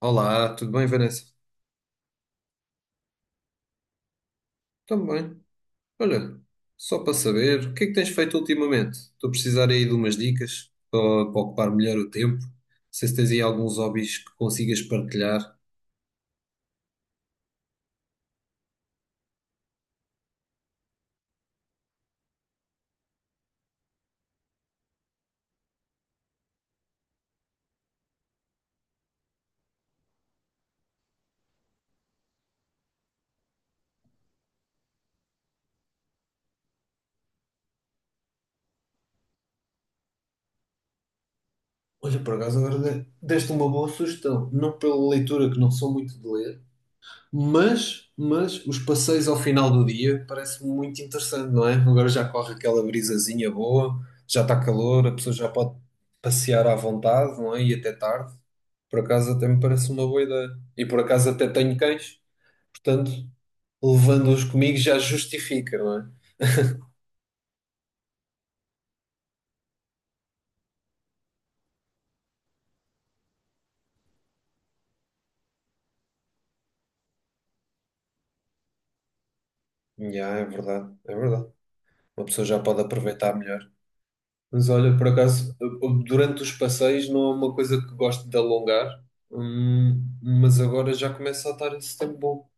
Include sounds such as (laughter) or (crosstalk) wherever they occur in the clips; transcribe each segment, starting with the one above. Olá, tudo bem, Vanessa? Também. Olha, só para saber, o que é que tens feito ultimamente? Estou a precisar aí de umas dicas para ocupar melhor o tempo. Não sei se tens aí alguns hobbies que consigas partilhar. Olha, por acaso agora deste uma boa sugestão. Não pela leitura, que não sou muito de ler. Mas os passeios ao final do dia parece muito interessante, não é? Agora já corre aquela brisazinha boa, já está calor, a pessoa já pode passear à vontade, não é? E até tarde. Por acaso até me parece uma boa ideia. E por acaso até tenho cães, portanto, levando-os comigo já justifica, não é? Já, é verdade, é verdade. Uma pessoa já pode aproveitar melhor. Mas olha, por acaso, durante os passeios não é uma coisa que gosto de alongar. Mas agora já começa a estar esse tempo bom.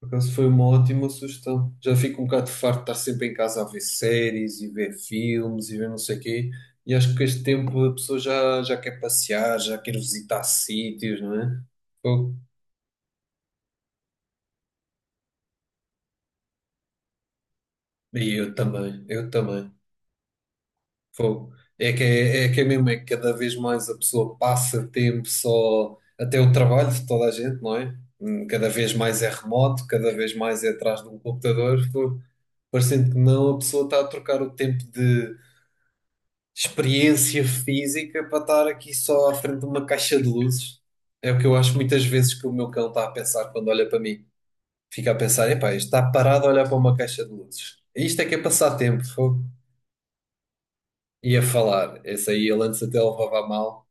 Por acaso foi uma ótima sugestão. Já fico um bocado farto de estar sempre em casa a ver séries e ver filmes e ver não sei o quê. E acho que com este tempo a pessoa já quer passear, já quer visitar sítios, não é? Fogo. E eu também, eu também. Fogo. É que é mesmo, é que cada vez mais a pessoa passa tempo só, até o trabalho de toda a gente, não é? Cada vez mais é remoto, cada vez mais é atrás de um computador. Fogo. Parecendo que não, a pessoa está a trocar o tempo de experiência física para estar aqui só à frente de uma caixa de luzes. É o que eu acho muitas vezes que o meu cão está a pensar quando olha para mim. Fica a pensar, epá, isto está parado a olhar para uma caixa de luzes. Isto é que é passar tempo, fogo. E a falar. Esse aí ele antes até levava a mal.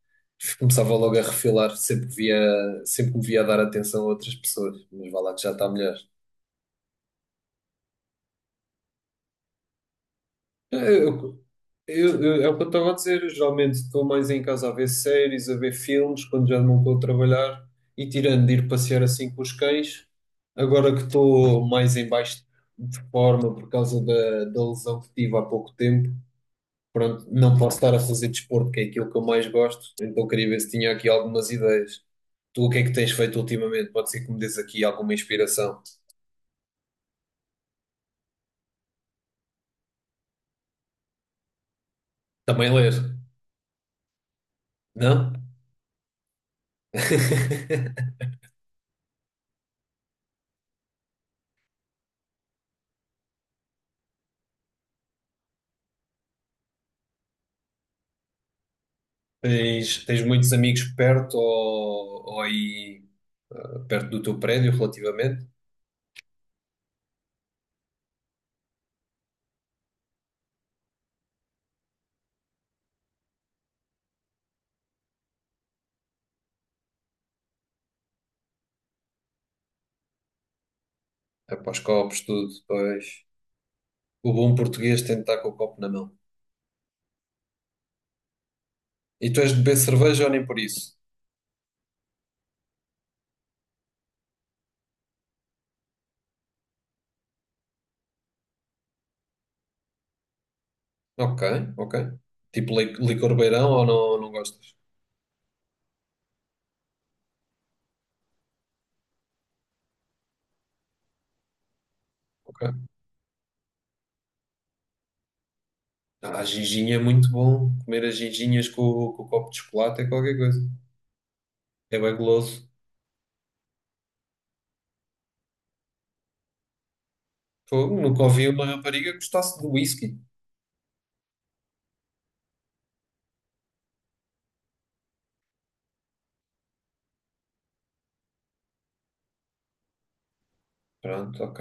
Começava logo a refilar sempre que me via a dar atenção a outras pessoas. Mas vá lá que já está melhor. É, é o que eu estava a dizer. Eu Geralmente estou mais em casa a ver séries, a ver filmes, quando já não estou a trabalhar e tirando de ir passear assim com os cães. Agora que estou mais em baixo de forma por causa da lesão que tive há pouco tempo, pronto, não posso estar a fazer desporto, que é aquilo que eu mais gosto. Então queria ver se tinha aqui algumas ideias. Tu o que é que tens feito ultimamente? Pode ser que me dês aqui alguma inspiração. Também ler, não? (laughs) Tens muitos amigos perto ou aí perto do teu prédio, relativamente? É para os copos, tudo. Pois. O bom português tem de estar com o copo na mão. E tu és de beber cerveja ou nem por isso? Ok, ok. Tipo licor beirão ou não, não gostas? Ok. Ah, a ginginha é muito bom. Comer as ginginhas com, com o copo de chocolate é qualquer coisa. É bem goloso. Fogo, nunca ouvi uma rapariga que gostasse de whisky. Pronto, ok.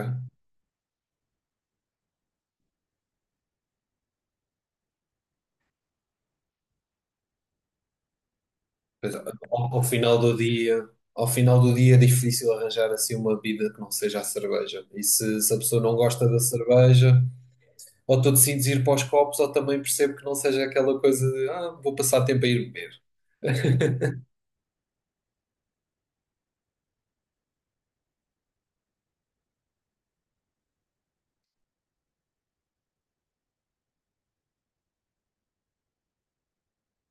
Pois, ao final do dia é difícil arranjar assim uma bebida que não seja a cerveja. E se a pessoa não gosta da cerveja, ou tu decides ir para os copos, ou também percebo que não seja aquela coisa de ah, vou passar tempo a ir beber.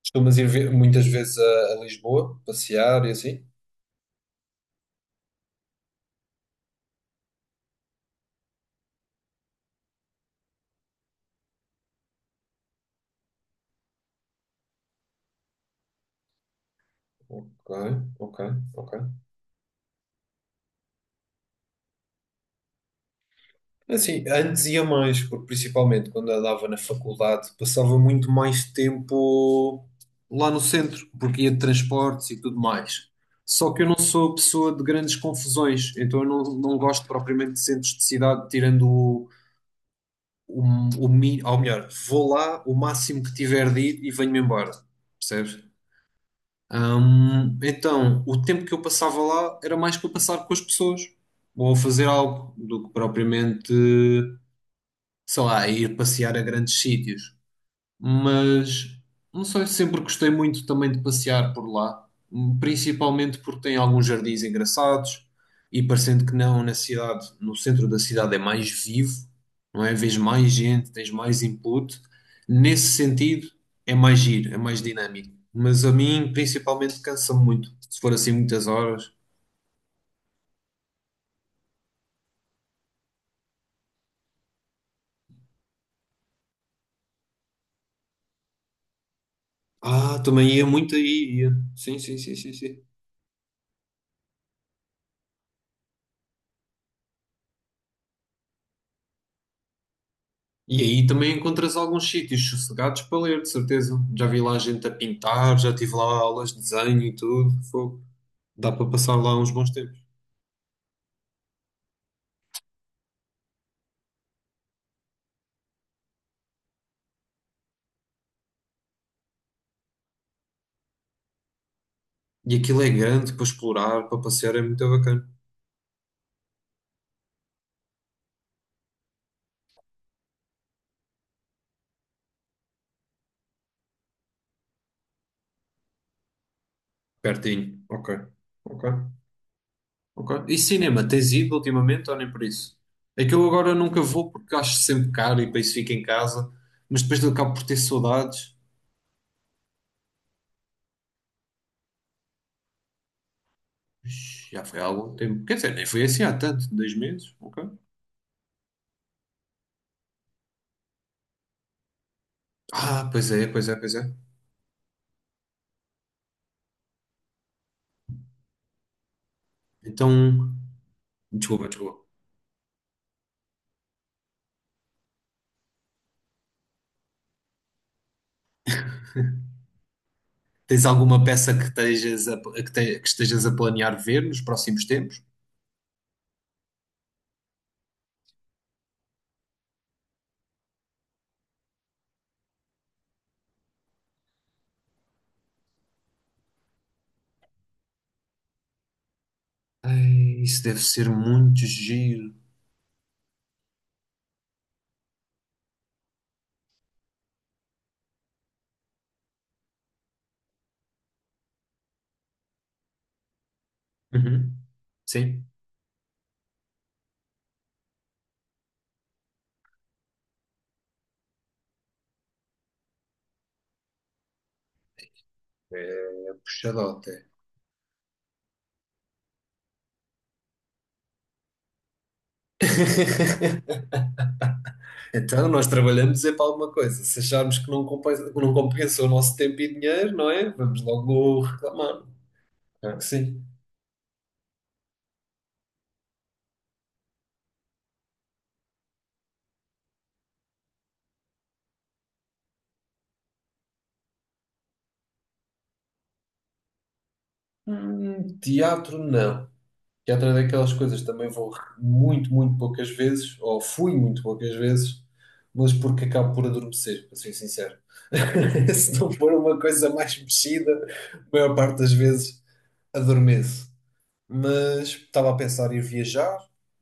Costumas ir ver muitas vezes a Lisboa, passear e assim? Ok, ok, ok. Assim, antes ia mais, porque principalmente quando andava na faculdade, passava muito mais tempo lá no centro, porque ia de transportes e tudo mais. Só que eu não sou a pessoa de grandes confusões, então eu não gosto propriamente de centros de cidade, tirando o, ou melhor, vou lá o máximo que tiver de ir e venho-me embora, percebes? Então, o tempo que eu passava lá era mais para passar com as pessoas, ou a fazer algo, do que propriamente sei lá, ir passear a grandes sítios. Mas não sei, sempre gostei muito também de passear por lá, principalmente porque tem alguns jardins engraçados e parecendo que não, no centro da cidade é mais vivo, não é? Vês mais gente, tens mais input. Nesse sentido, é mais giro, é mais dinâmico. Mas a mim, principalmente, cansa-me muito. Se for assim muitas horas. Ah, também ia muito aí, ia. Sim, sim, sim, sim, sim. E aí também encontras alguns sítios sossegados para ler, de certeza. Já vi lá gente a pintar, já tive lá aulas de desenho e tudo. Fogo. Dá para passar lá uns bons tempos. E aquilo é grande para explorar, para passear, é muito bacana. Pertinho. Ok. Ok. Ok. E cinema, tens ido ultimamente ou nem por isso? É que eu agora nunca vou porque acho sempre caro e para isso fico em casa. Mas depois eu acabo por ter saudades. Ixi, já foi há algum tempo. Quer dizer, nem foi assim há tanto, 2 meses. Ok. Ah, pois é, pois é, pois é. Então. Desculpa, desculpa. Tens alguma peça que estejas a planear ver nos próximos tempos? Ai, isso deve ser muito giro. Uhum. Sim. Puxado até. (laughs) Então, nós trabalhamos é para alguma coisa. Se acharmos que não compensa o nosso tempo e dinheiro, não é? Vamos logo reclamar. Claro que sim. Hum, teatro, não. Que é outra daquelas coisas, também vou muito, muito poucas vezes, ou fui muito poucas vezes, mas porque acabo por adormecer, para ser sincero. (laughs) Se não for uma coisa mais mexida, a maior parte das vezes adormeço. Mas estava a pensar em viajar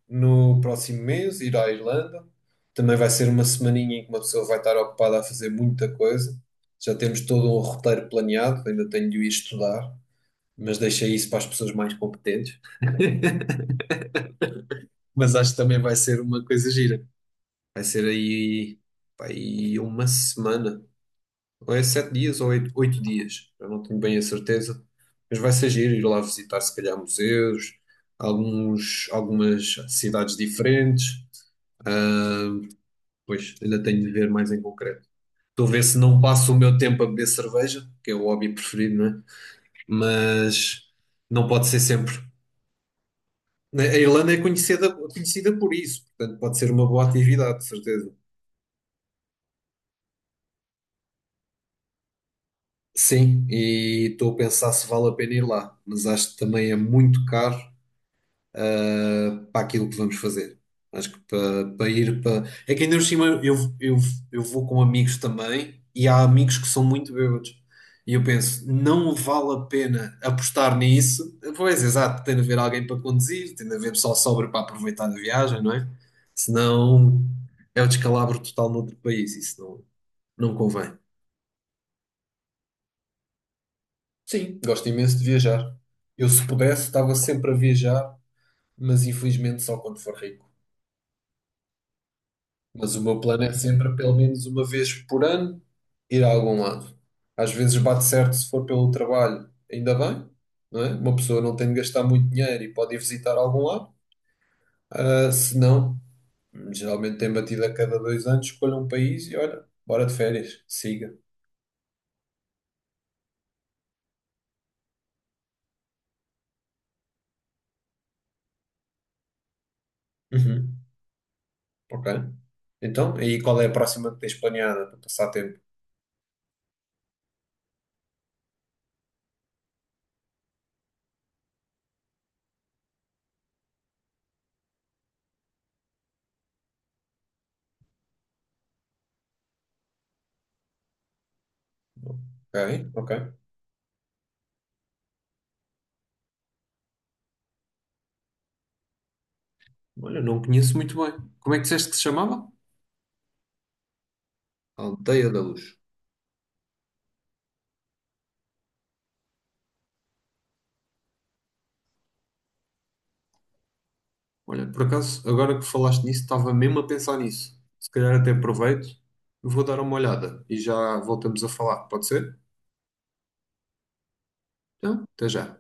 no próximo mês, ir à Irlanda. Também vai ser uma semaninha em que uma pessoa vai estar ocupada a fazer muita coisa. Já temos todo um roteiro planeado, ainda tenho de o ir estudar, mas deixei isso para as pessoas mais competentes. (laughs) Mas acho que também vai ser uma coisa gira. Vai ser aí, pá, aí uma semana, ou é 7 dias ou oito dias, eu não tenho bem a certeza. Mas vai ser giro ir lá visitar, se calhar, museus, algumas cidades diferentes. Ah, pois, ainda tenho de ver mais em concreto. Estou a ver se não passo o meu tempo a beber cerveja, que é o hobby preferido, não é? Mas não pode ser sempre. A Irlanda é conhecida, conhecida por isso, portanto, pode ser uma boa atividade, de certeza. Sim, e estou a pensar se vale a pena ir lá, mas acho que também é muito caro para aquilo que vamos fazer. Acho que para ir para. É que ainda por cima eu vou com amigos também e há amigos que são muito bêbados. E eu penso, não vale a pena apostar nisso. Pois, exato, tem de haver alguém para conduzir, tem de haver pessoal sóbrio para aproveitar a viagem, não é? Senão é o descalabro total no outro país, isso não convém. Sim, gosto imenso de viajar. Eu, se pudesse, estava sempre a viajar, mas infelizmente só quando for rico. Mas o meu plano é sempre, pelo menos uma vez por ano, ir a algum lado. Às vezes bate certo se for pelo trabalho, ainda bem, não é? Uma pessoa não tem de gastar muito dinheiro e pode ir visitar algum lado. Ah, se não, geralmente tem batido a cada 2 anos, escolha um país e olha, bora de férias, siga. Uhum, ok. Então, aí qual é a próxima que tens planeada para passar tempo? Ok, ok. Olha, não conheço muito bem. Como é que disseste que se chamava? Aldeia da Luz. Olha, por acaso, agora que falaste nisso, estava mesmo a pensar nisso. Se calhar até aproveito, vou dar uma olhada e já voltamos a falar, pode ser? Então, até já.